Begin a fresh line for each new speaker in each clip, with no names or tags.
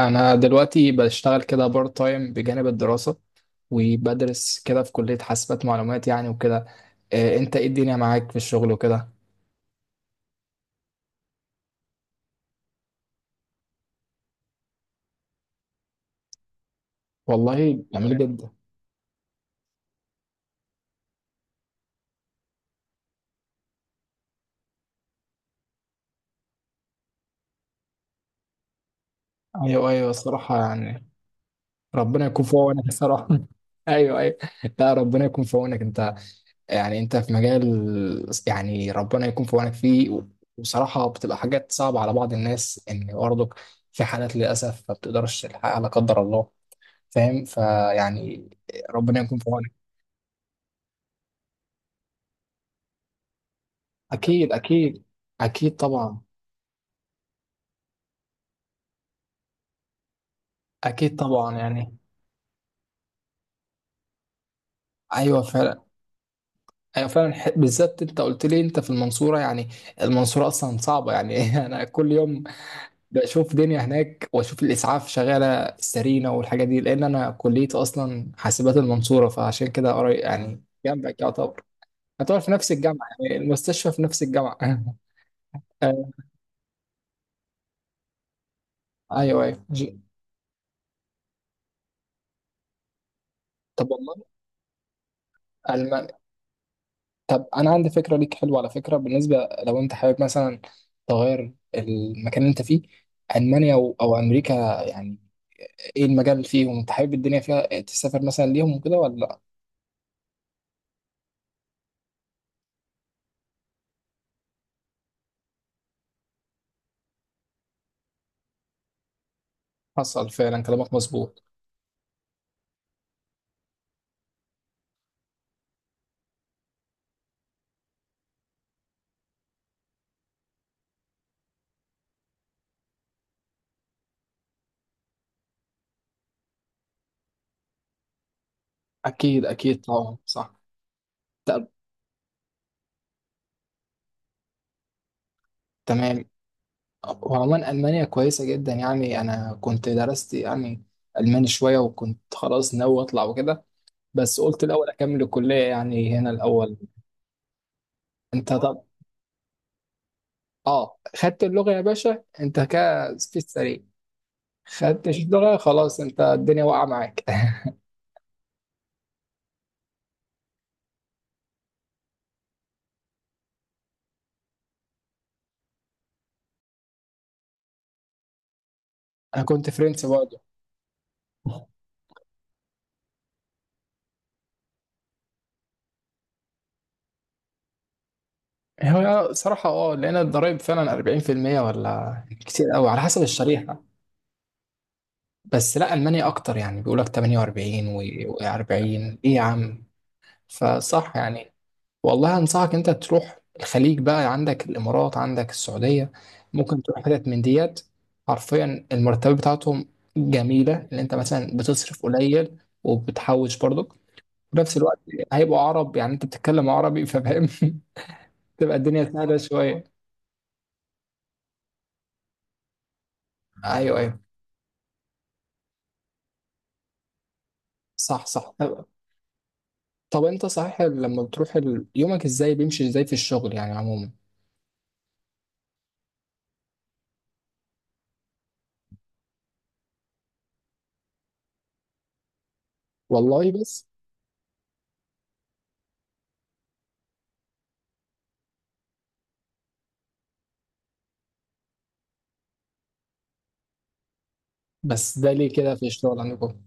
انا دلوقتي بشتغل كده بارت تايم بجانب الدراسة، وبدرس كده في كلية حاسبات معلومات يعني وكده. إيه انت، ايه الدنيا معاك في الشغل وكده؟ والله جميل، تمام جدا. ايوه، ايوه، الصراحة يعني. ربنا يكون في عونك الصراحة. ايوه، ايوه. لا، ربنا يكون في عونك انت، يعني انت في مجال، يعني ربنا يكون في عونك فيه. وصراحة بتبقى حاجات صعبة على بعض الناس، ان برضك في حالات للأسف ما بتقدرش تلحقها لا قدر الله، فاهم فيعني، ربنا يكون في عونك. اكيد، اكيد، اكيد طبعا، اكيد طبعا يعني. ايوه فعلا، ايوه فعلا، بالذات انت قلت لي انت في المنصوره يعني. المنصوره اصلا صعبه يعني. انا كل يوم بشوف دنيا هناك واشوف الاسعاف شغاله سرينا والحاجات دي، لان انا كليتي اصلا حاسبات المنصوره فعشان كده قريب يعني جنبك يعتبر، يعتبر في نفس الجامعه يعني المستشفى في نفس الجامعه. آه، ايوه، ايوه، طب والله. طب انا عندي فكره ليك حلوه على فكره، بالنسبه لو انت حابب مثلا تغير المكان اللي انت فيه، المانيا او امريكا، يعني ايه المجال اللي فيهم انت حابب الدنيا فيها تسافر مثلا ليهم وكده ولا لا؟ حصل فعلا كلامك مظبوط. اكيد، اكيد طبعا، صح. طب تمام. وعموما المانيا كويسه جدا يعني، انا كنت درست يعني الماني شويه وكنت خلاص ناوي اطلع وكده، بس قلت الاول اكمل الكليه يعني هنا الاول. انت طب، اه خدت اللغة يا باشا انت كده في السريع، خدتش اللغة خلاص انت الدنيا واقعة معاك. انا كنت فرنسي برضه. هو صراحة اه، لأن الضرايب فعلا 40% ولا كتير أوي على حسب الشريحة. بس لا، ألمانيا أكتر يعني بيقولك 48 و40. إيه يا عم، فصح يعني. والله انصحك انت تروح الخليج بقى، عندك الامارات، عندك السعوديه، ممكن تروح حتت من ديت. حرفيا المرتبات بتاعتهم جميله، اللي انت مثلا بتصرف قليل وبتحوش برضك في نفس الوقت. هيبقوا عرب يعني انت بتتكلم عربي ففاهم. تبقى الدنيا سهله شويه. ايوه، ايوه، صح، صح. طب، طب انت صحيح لما بتروح يومك ازاي، بيمشي ازاي في الشغل يعني عموما؟ والله بس ده ليه كده في الشغل عندكم؟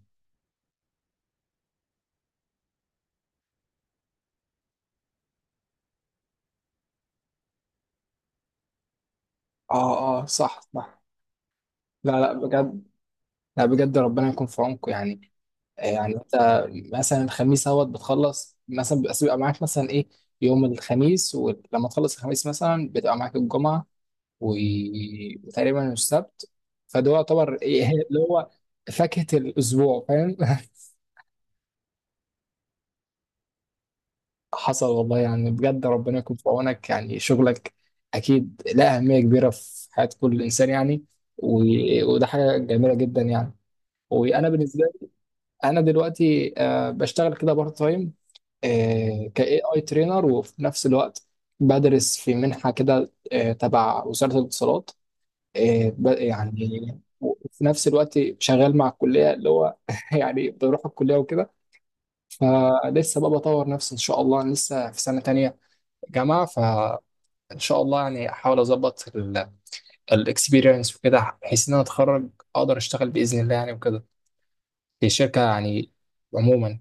اه، اه، صح، صح. لا، لا، بجد، لا بجد ربنا يكون في عونكم يعني. يعني انت مثلا الخميس اهوت بتخلص مثلا، بس بيبقى معاك مثلا ايه يوم الخميس، ولما تخلص الخميس مثلا بتبقى معاك الجمعه و- وتقريبا السبت، فده يعتبر ايه اللي هو فاكهه الاسبوع فاهم؟ حصل والله يعني، بجد ربنا يكون في عونك يعني. شغلك اكيد له اهميه كبيره في حياه كل انسان يعني، و- وده حاجه جميله جدا يعني. وانا بالنسبه لي، انا دلوقتي بشتغل كده بارت تايم كاي اي ترينر، وفي نفس الوقت بدرس في منحه كده تبع وزاره الاتصالات، يعني وفي نفس الوقت شغال مع الكليه اللي هو، يعني بروح الكليه وكده. فلسه بقى بطور نفسي ان شاء الله. أنا لسه في سنه تانية جامعه، فان شاء الله يعني احاول اظبط الاكسبيرينس وكده بحيث ان انا اتخرج اقدر اشتغل باذن الله يعني وكده في شركه يعني عموما.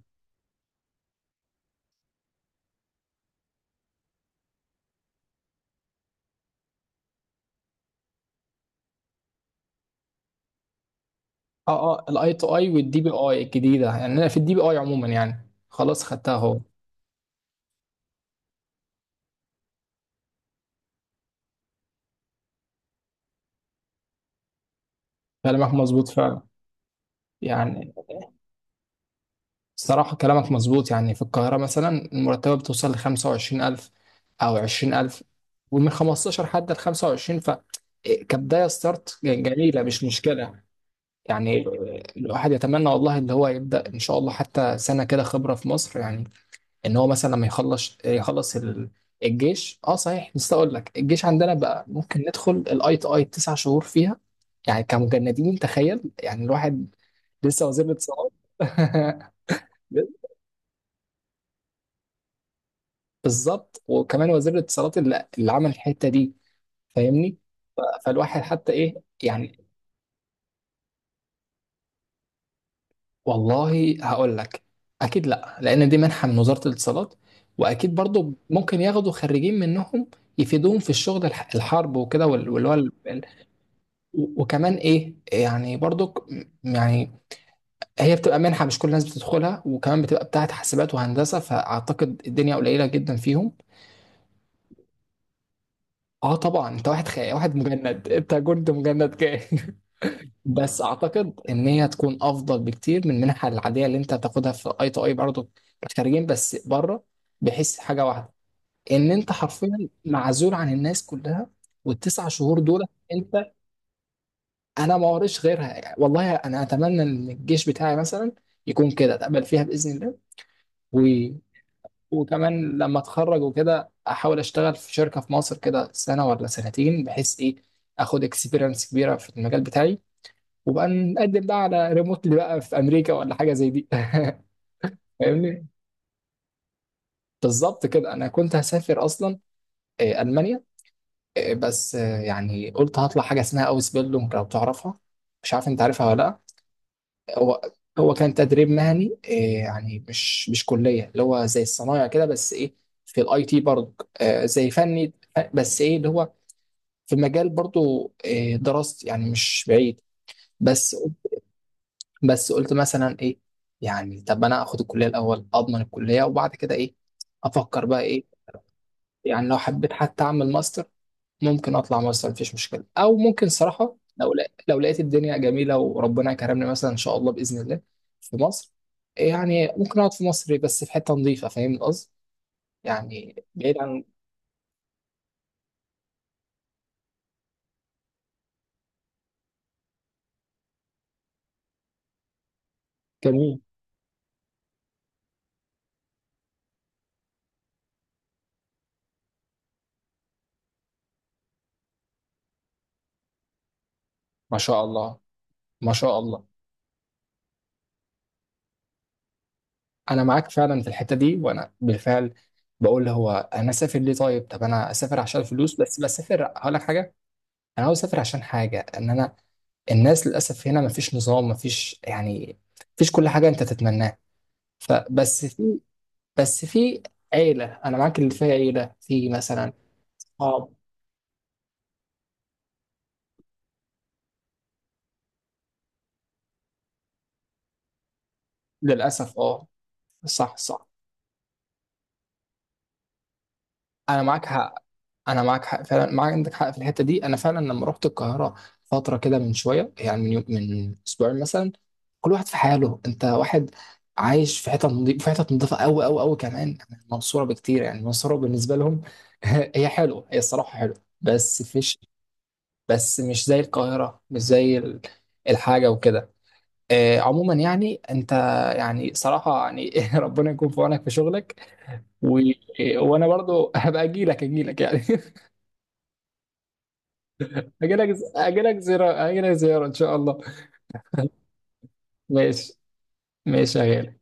اه، اه، الاي تو اي والدي بي اي الجديده يعني، انا في الدي بي اي عموما يعني خلاص خدتها اهو. كلامك مظبوط فعلا يعني. الصراحه كلامك مظبوط يعني، في القاهره مثلا المرتبه بتوصل ل 25000 او 20000، ومن 15 حتى ل 25، ف إيه، كبدايه ستارت جميله مش مشكله. يعني الواحد يتمنى والله اللي هو يبدا ان شاء الله حتى سنه كده خبره في مصر يعني، ان هو مثلا لما يخلص، الجيش. اه صحيح، بس اقول لك الجيش عندنا بقى ممكن ندخل الاي تي اي تسع شهور فيها، يعني كمجندين تخيل يعني الواحد لسه وزير الاتصالات. بالظبط وكمان وزير الاتصالات اللي عمل الحته دي. فاهمني، ف- فالواحد حتى ايه يعني. والله هقول لك، اكيد لا، لان دي منحه من وزاره الاتصالات. واكيد برضو ممكن ياخدوا خريجين منهم يفيدوهم في الشغل الحرب وكده وال- واللي هو، و- وكمان ايه يعني برضك يعني. هي بتبقى منحة مش كل الناس بتدخلها، وكمان بتبقى بتاعت حاسبات وهندسة، فأعتقد الدنيا قليلة جدا فيهم. اه طبعا، انت واحد واحد مجند، انت كنت مجند كده. بس اعتقد ان هي تكون افضل بكتير من المنحة العادية اللي انت بتاخدها في اي تو اي برضه. خارجين بس بره، بحس حاجة واحدة، ان انت حرفيا معزول عن الناس كلها، والتسع شهور دول انت. انا ما وريش غيرها يعني، والله انا اتمنى ان الجيش بتاعي مثلا يكون كده اتقبل فيها باذن الله. و... وكمان لما اتخرج وكده احاول اشتغل في شركه في مصر كده سنه ولا سنتين، بحيث ايه اخد اكسبيرينس كبيره في المجال بتاعي، وبقى نقدم بقى على ريموتلي بقى في امريكا ولا حاجه زي دي. فاهمني. بالظبط كده انا كنت هسافر اصلا المانيا. بس يعني قلت هطلع حاجه اسمها اوس بيلدونج لو تعرفها، مش عارف انت عارفها ولا لا. هو هو كان تدريب مهني إيه يعني، مش كليه اللي هو زي الصنايع كده، بس ايه في الاي تي برضه آه زي فني. بس ايه اللي هو في مجال برضه إيه دراستي يعني مش بعيد، بس. بس قلت مثلا ايه، يعني طب انا اخد الكليه الاول اضمن الكليه، وبعد كده ايه افكر بقى ايه. يعني لو حبيت حتى اعمل ماستر، ممكن اطلع ماستر مفيش مشكله، او ممكن صراحه لو لقيت الدنيا جميله وربنا كرمني مثلا ان شاء الله باذن الله في مصر يعني، ممكن اقعد في مصر بس في حته نظيفه فاهم القصد، يعني بعيد عن. جميل. ما شاء الله، ما شاء الله. انا معاك فعلا في الحته دي، وانا بالفعل بقول هو انا اسافر ليه؟ طيب، طب انا اسافر عشان الفلوس، بس بسافر هقول لك حاجه، انا عاوز اسافر عشان حاجه ان انا، الناس للاسف هنا مفيش نظام، مفيش يعني مفيش كل حاجه انت تتمناها. فبس في بس في عيلة، أنا معاك اللي فيها عيلة في مثلا، اه للأسف اه، صح، صح. أنا معاك حق أنا معاك حق فعلا معاك، عندك حق في الحتة دي، أنا فعلا لما رحت القاهرة فترة كده من شوية، يعني من يوم، من أسبوعين مثلا، كل واحد في حاله، أنت واحد عايش في حتة نظيفة، في حتة نظيفة أوي أوي أوي كمان عن المنصورة بكتير يعني، المنصورة بالنسبة لهم، هي حلوة، هي الصراحة حلوة بس فيش، بس مش زي القاهرة، مش زي الحاجة وكده. عموما يعني انت، يعني صراحة يعني، ربنا يكون في عونك في شغلك. و... وانا برضو، هبقى اجي لك، اجي لك يعني. اجي لك، اجي لك زيارة، اجي لك زيارة ان شاء الله. ماشي، ماشي يا غالي.